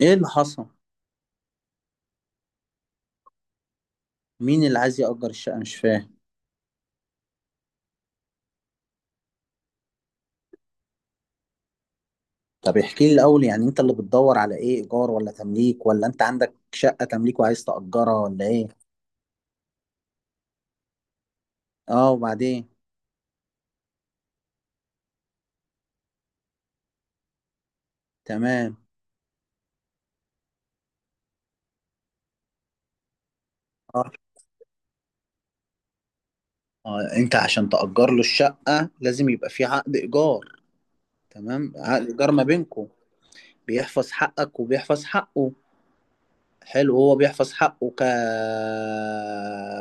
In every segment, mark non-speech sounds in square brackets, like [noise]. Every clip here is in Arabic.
ايه اللي حصل؟ مين اللي عايز يأجر الشقة؟ مش فاهم. طب احكي لي الاول، يعني انت اللي بتدور على ايه؟ ايجار ولا تمليك؟ ولا انت عندك شقة تمليك وعايز تأجرها؟ ولا ايه؟ اه، وبعدين؟ تمام. اه، انت عشان تأجر له الشقة لازم يبقى في عقد ايجار. تمام، عقد ايجار ما بينكم، بيحفظ حقك وبيحفظ حقه. حلو، هو بيحفظ حقه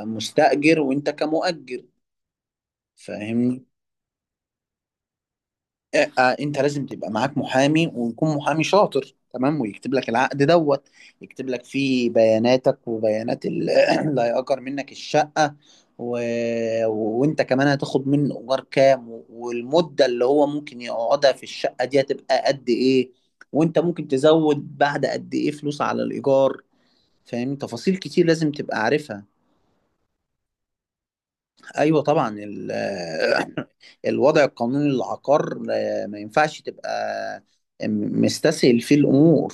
كمستأجر وانت كمؤجر، فاهمني؟ انت لازم تبقى معاك محامي، ويكون محامي شاطر تمام، ويكتب لك العقد دوت، يكتب لك فيه بياناتك وبيانات [clears throat] اللي هيأجر منك الشقة و... وانت كمان هتاخد منه ايجار كام، والمدة اللي هو ممكن يقعدها في الشقة دي هتبقى قد ايه، وانت ممكن تزود بعد قد ايه فلوس على الايجار. فاهم؟ تفاصيل كتير لازم تبقى عارفها. ايوه طبعا، [laughs] الوضع القانوني للعقار، ما ينفعش تبقى مستسهل فيه الامور.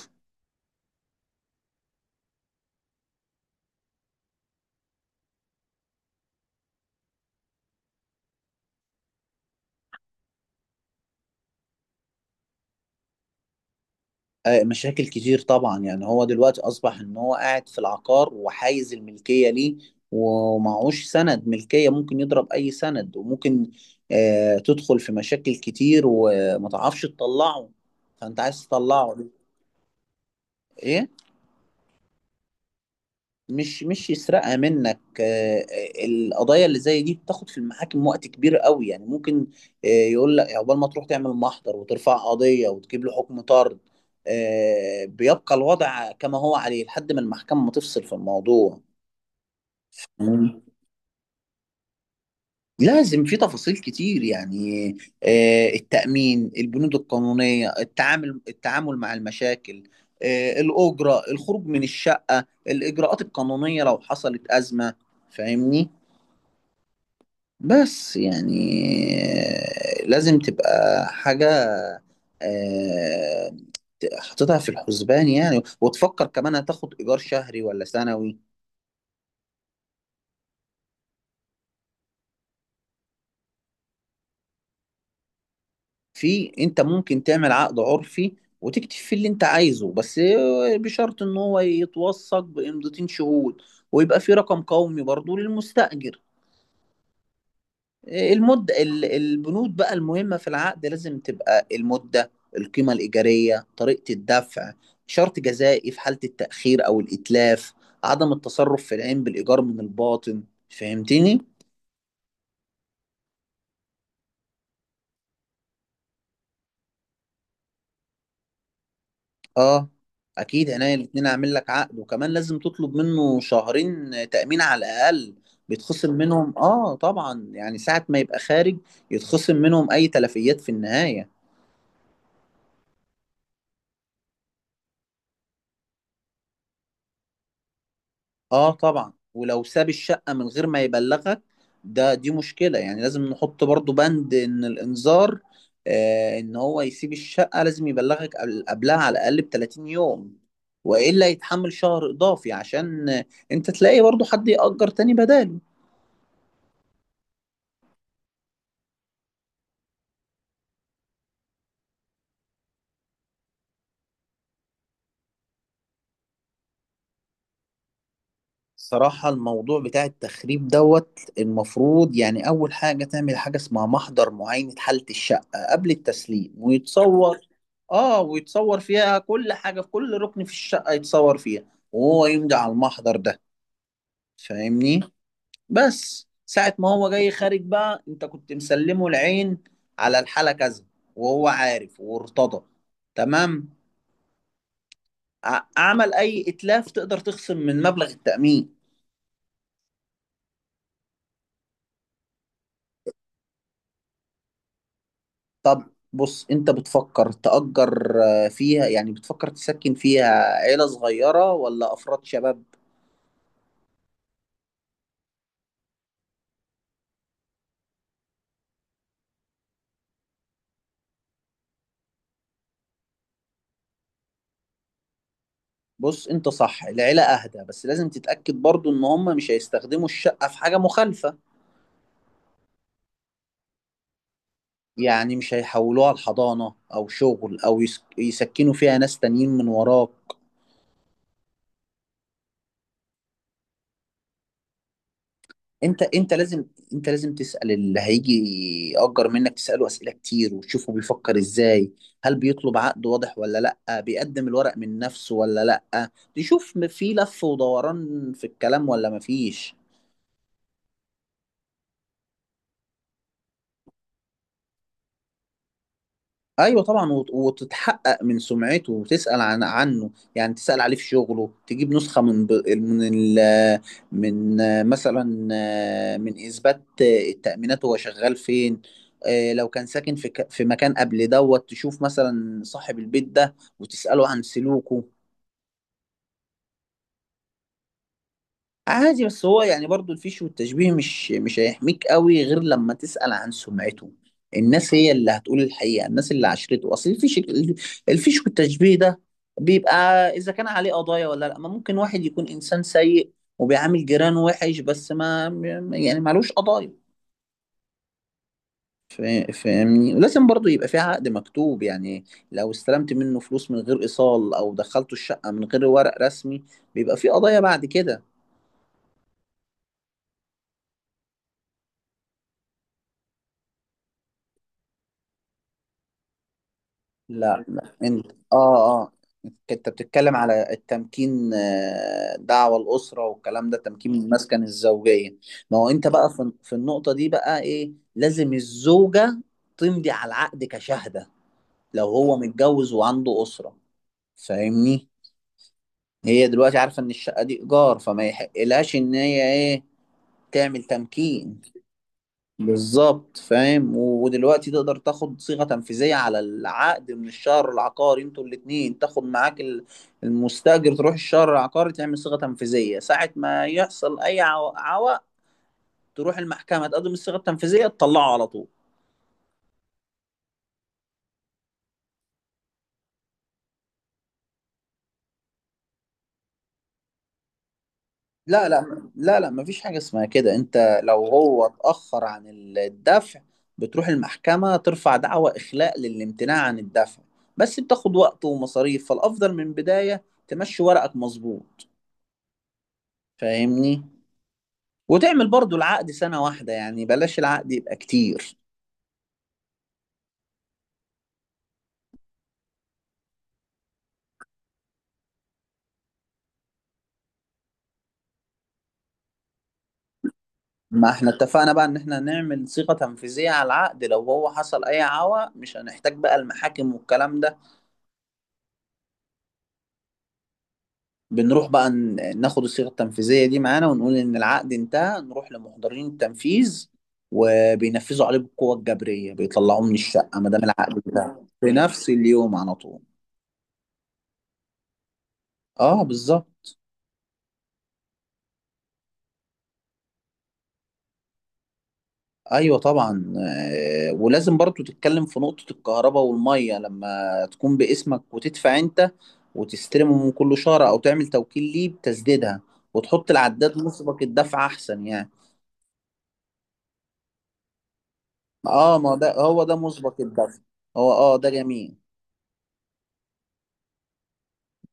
مشاكل كتير طبعا، يعني هو دلوقتي اصبح ان هو قاعد في العقار وحايز الملكيه ليه ومعهوش سند ملكيه، ممكن يضرب اي سند، وممكن تدخل في مشاكل كتير وما تعرفش تطلعه، فانت عايز تطلعه. ايه؟ مش يسرقها منك. القضايا اللي زي دي بتاخد في المحاكم وقت كبير قوي، يعني ممكن، يقول لك عقبال ما تروح تعمل محضر وترفع قضية وتجيب له حكم طرد، بيبقى الوضع كما هو عليه لحد ما المحكمة ما تفصل في الموضوع. مم. لازم، في تفاصيل كتير يعني. التأمين، البنود القانونية، التعامل مع المشاكل، الأجرة، الخروج من الشقة، الإجراءات القانونية لو حصلت أزمة. فاهمني؟ بس يعني، لازم تبقى حاجة آه، حاططها في الحسبان، يعني وتفكر كمان هتاخد إيجار شهري ولا سنوي. في، أنت ممكن تعمل عقد عرفي وتكتب فيه اللي أنت عايزه، بس بشرط إن هو يتوثق بإمضتين شهود، ويبقى في رقم قومي برضو للمستأجر. المدة، البنود بقى المهمة في العقد لازم تبقى: المدة، القيمة الإيجارية، طريقة الدفع، شرط جزائي في حالة التأخير أو الإتلاف، عدم التصرف في العين بالإيجار من الباطن. فهمتني؟ آه أكيد، عينيا الاتنين أعمل لك عقد، وكمان لازم تطلب منه شهرين تأمين على الأقل. بيتخصم منهم، آه طبعا، يعني ساعة ما يبقى خارج يتخصم منهم أي تلفيات في النهاية. اه طبعا، ولو ساب الشقة من غير ما يبلغك ده، دي مشكلة، يعني لازم نحط برضو بند ان الانذار، آه، ان هو يسيب الشقة لازم يبلغك قبلها على الاقل ب 30 يوم، والا يتحمل شهر اضافي عشان انت تلاقي برضو حد يأجر تاني بداله. صراحة الموضوع بتاع التخريب دوت، المفروض يعني أول حاجة تعمل حاجة اسمها محضر معاينة حالة الشقة قبل التسليم، ويتصور، آه، ويتصور فيها كل حاجة، في كل ركن في الشقة يتصور فيها، وهو يمضي على المحضر ده. فاهمني؟ بس ساعة ما هو جاي خارج بقى، أنت كنت مسلمه العين على الحالة كذا، وهو عارف وارتضى. تمام؟ عمل أي إتلاف، تقدر تخصم من مبلغ التأمين. طب بص، انت بتفكر تأجر، آه، فيها يعني بتفكر تسكن فيها عيلة صغيرة ولا أفراد شباب؟ بص، انت صح، العيلة أهدى، بس لازم تتأكد برضو ان هم مش هيستخدموا الشقة في حاجة مخالفة. يعني مش هيحولوها لحضانة أو شغل، أو يسكنوا فيها ناس تانيين من وراك. انت انت لازم انت لازم تسأل اللي هيجي يأجر منك، تسأله أسئلة كتير وتشوفه بيفكر ازاي. هل بيطلب عقد واضح، ولا لأ؟ بيقدم الورق من نفسه، ولا لأ؟ تشوف في لف ودوران في الكلام، ولا مفيش. ايوه طبعا، وتتحقق من سمعته وتسال عنه. يعني تسال عليه في شغله، تجيب نسخه من مثلا، من اثبات، التامينات هو شغال فين. لو كان ساكن في في مكان قبل دوت، تشوف مثلا صاحب البيت ده وتساله عن سلوكه. عادي، بس هو يعني برضو الفيش والتشبيه مش هيحميك قوي غير لما تسأل عن سمعته. الناس هي اللي هتقول الحقيقة، الناس اللي عشرته. أصل الفيش، الفيش والتشبيه ده بيبقى إذا كان عليه قضايا ولا لأ. ما ممكن واحد يكون إنسان سيء وبيعامل جيرانه وحش، بس ما يعني معلوش قضايا. فاهمني؟ ولازم برضو يبقى في عقد مكتوب يعني، لو استلمت منه فلوس من غير إيصال، أو دخلته الشقة من غير ورق رسمي، بيبقى في قضايا بعد كده. لا انت، اه، اه، انت بتتكلم على التمكين، آه، دعوة الأسرة والكلام ده، تمكين المسكن الزوجية. ما هو انت بقى في، النقطة دي بقى ايه، لازم الزوجة تمضي على العقد كشهادة، لو هو متجوز وعنده أسرة، فاهمني؟ هي دلوقتي عارفة ان الشقة دي إيجار، فما يحقلهاش ان هي ايه، تعمل تمكين. بالظبط، فاهم، ودلوقتي تقدر تاخد صيغة تنفيذية على العقد من الشهر العقاري، انتوا الاتنين تاخد معاك المستأجر، تروح الشهر العقاري تعمل صيغة تنفيذية، ساعة ما يحصل أي عوق، تروح المحكمة تقدم الصيغة التنفيذية تطلعه على طول. لا لا لا لا، مفيش حاجة اسمها كده. انت لو هو اتأخر عن الدفع، بتروح المحكمة ترفع دعوى إخلاء للامتناع عن الدفع، بس بتاخد وقت ومصاريف، فالأفضل من بداية تمشي ورقك مظبوط. فاهمني؟ وتعمل برضو العقد سنة واحدة، يعني بلاش العقد يبقى كتير. ما احنا اتفقنا بقى ان احنا نعمل صيغة تنفيذية على العقد، لو هو حصل اي عوى مش هنحتاج بقى المحاكم والكلام ده. بنروح بقى ناخد الصيغة التنفيذية دي معانا ونقول ان العقد انتهى، نروح لمحضرين التنفيذ وبينفذوا عليه بالقوة الجبرية، بيطلعوه من الشقة ما دام العقد انتهى، في نفس اليوم على طول. اه بالظبط. ايوه طبعا، ولازم برضو تتكلم في نقطة الكهرباء والمية، لما تكون باسمك وتدفع انت وتستلمهم كل شهر، او تعمل توكيل ليه بتسديدها، وتحط العداد مسبق الدفع احسن يعني. اه، ما ده هو ده مسبق الدفع. هو اه، ده جميل.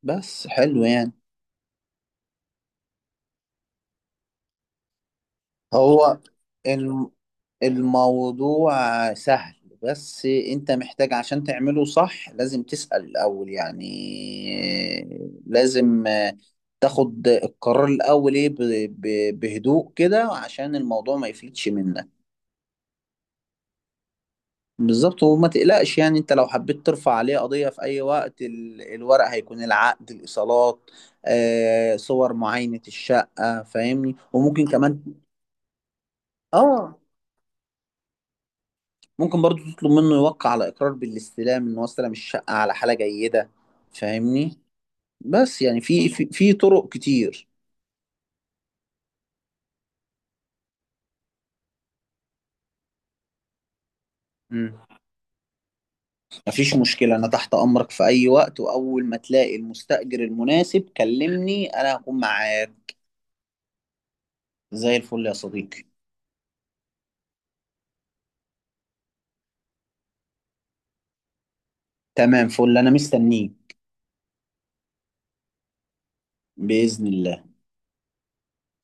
بس حلو يعني. هو الم- الموضوع سهل، بس انت محتاج عشان تعمله صح لازم تسأل الأول، يعني لازم تاخد القرار الأول ايه بهدوء كده عشان الموضوع ما يفلتش منك. بالظبط، وما تقلقش يعني، انت لو حبيت ترفع عليه قضية في أي وقت، الورق هيكون العقد، الإيصالات، صور معاينة الشقة، فاهمني، وممكن كمان، اه، ممكن برضو تطلب منه يوقع على إقرار بالاستلام إن هو استلم الشقة على حالة جيدة. فاهمني؟ بس يعني في، في، في طرق كتير. مم. مفيش مشكلة، أنا تحت أمرك في أي وقت، وأول ما تلاقي المستأجر المناسب كلمني، أنا هكون معاك. زي الفل يا صديقي. تمام، فل، أنا مستنيك. بإذن الله.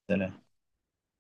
سلام.